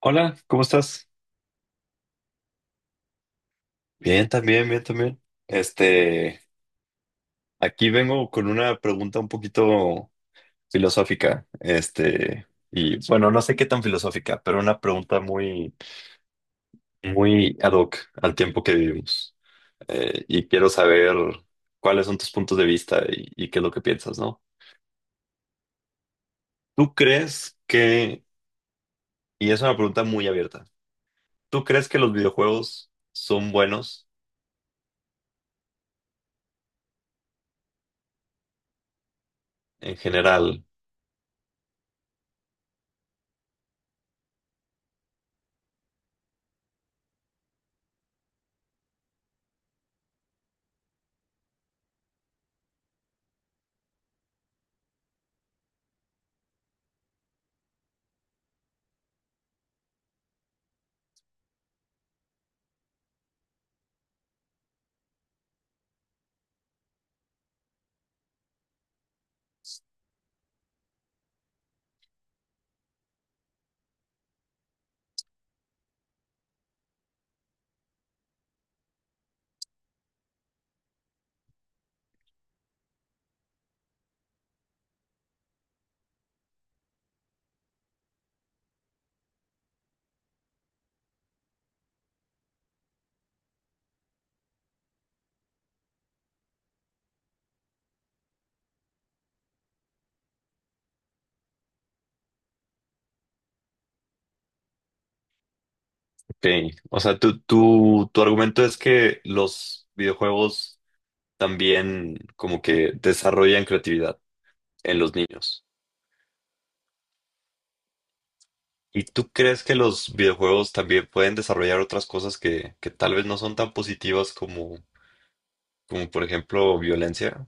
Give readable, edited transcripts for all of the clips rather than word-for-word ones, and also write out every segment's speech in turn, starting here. Hola, ¿cómo estás? Bien, también, bien, también. Este, aquí vengo con una pregunta un poquito filosófica, y bueno, no sé qué tan filosófica, pero una pregunta muy ad hoc al tiempo que vivimos. Y quiero saber cuáles son tus puntos de vista y qué es lo que piensas, ¿no? ¿Tú crees que, y es una pregunta muy abierta, ¿tú crees que los videojuegos son buenos en general? Ok, o sea, tu argumento es que los videojuegos también como que desarrollan creatividad en los niños. ¿Y tú crees que los videojuegos también pueden desarrollar otras cosas que tal vez no son tan positivas como por ejemplo violencia?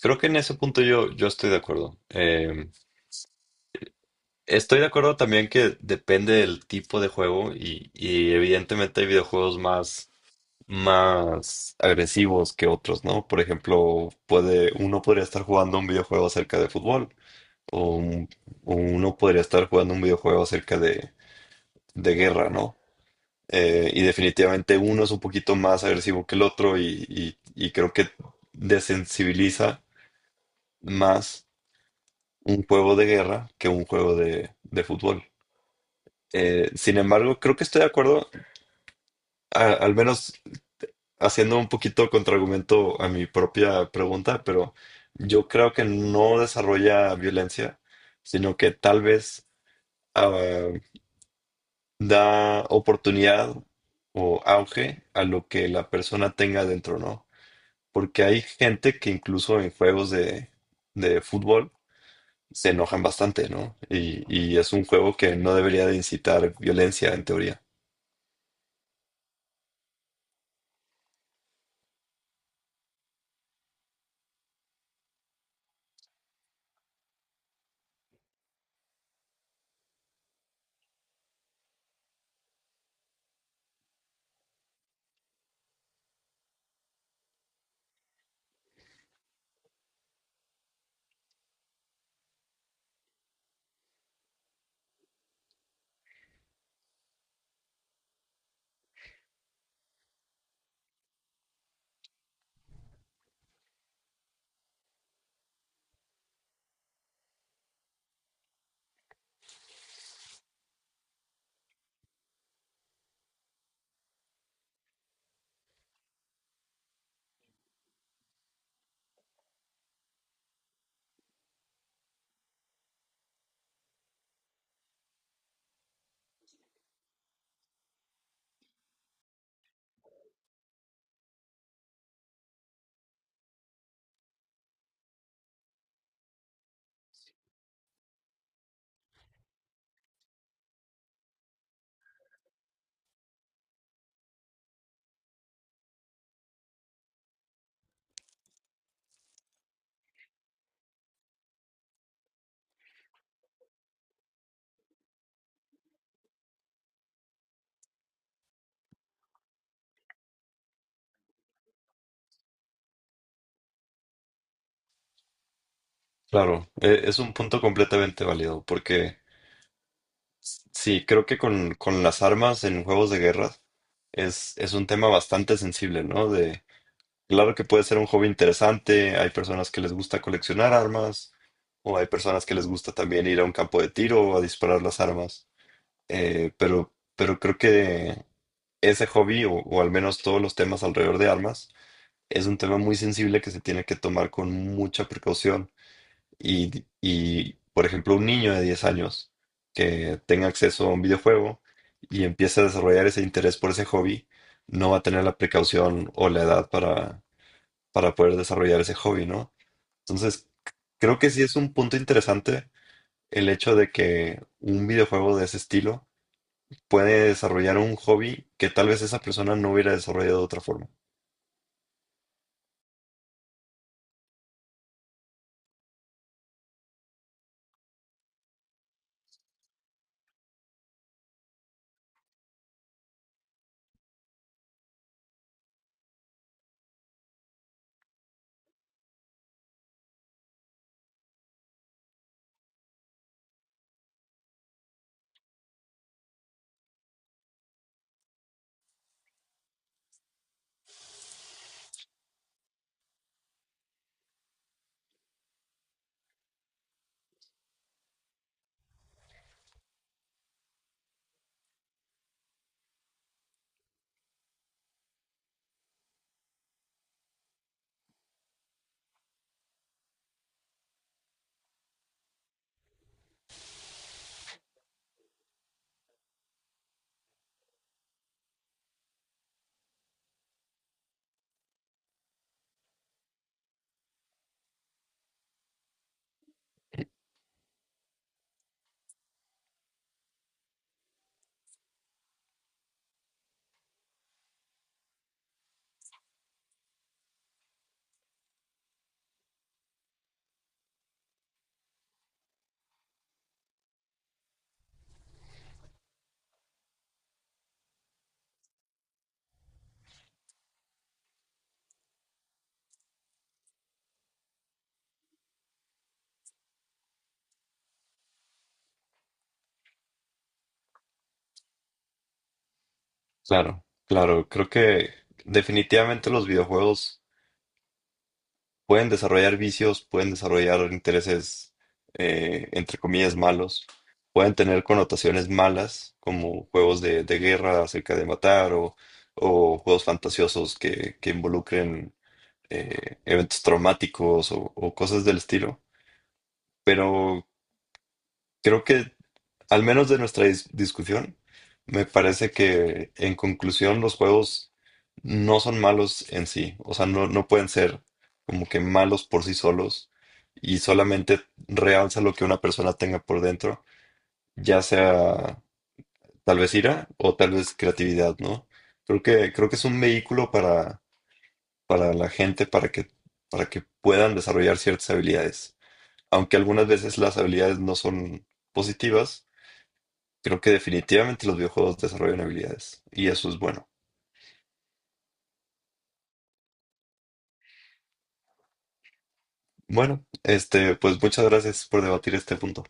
Creo que en ese punto yo estoy de acuerdo. Estoy de acuerdo también que depende del tipo de juego y evidentemente hay videojuegos más agresivos que otros, ¿no? Por ejemplo, uno podría estar jugando un videojuego acerca de fútbol o, un- o uno podría estar jugando un videojuego acerca de guerra, ¿no? Y definitivamente uno es un poquito más agresivo que el otro y creo que desensibiliza más un juego de guerra que un juego de fútbol. Sin embargo, creo que estoy de acuerdo, al menos haciendo un poquito contraargumento a mi propia pregunta, pero yo creo que no desarrolla violencia, sino que tal vez ah, da oportunidad o auge a lo que la persona tenga dentro, ¿no? Porque hay gente que incluso en juegos de fútbol se enojan bastante, ¿no? Y es un juego que no debería de incitar violencia en teoría. Claro, es un punto completamente válido, porque sí, creo que con las armas en juegos de guerra es un tema bastante sensible, ¿no? De, claro que puede ser un hobby interesante, hay personas que les gusta coleccionar armas, o hay personas que les gusta también ir a un campo de tiro o a disparar las armas, eh, pero, pero creo que ese hobby, o al menos todos los temas alrededor de armas, es un tema muy sensible que se tiene que tomar con mucha precaución por ejemplo, un niño de 10 años que tenga acceso a un videojuego y empiece a desarrollar ese interés por ese hobby, no va a tener la precaución o la edad para poder desarrollar ese hobby, ¿no? Entonces, creo que sí es un punto interesante el hecho de que un videojuego de ese estilo puede desarrollar un hobby que tal vez esa persona no hubiera desarrollado de otra forma. Claro, claro, creo que definitivamente los videojuegos pueden desarrollar vicios, pueden desarrollar intereses, entre comillas, malos, pueden tener connotaciones malas, como juegos de guerra acerca de matar o juegos fantasiosos que involucren eventos traumáticos o cosas del estilo. Pero creo que, al menos de nuestra discusión, me parece que en conclusión los juegos no son malos en sí, o sea, no pueden ser como que malos por sí solos y solamente realza lo que una persona tenga por dentro, ya sea tal vez ira o tal vez creatividad, ¿no? Creo que es un vehículo para la gente, para que puedan desarrollar ciertas habilidades, aunque algunas veces las habilidades no son positivas. Creo que definitivamente los videojuegos desarrollan habilidades y eso es bueno. Bueno, pues muchas gracias por debatir este punto.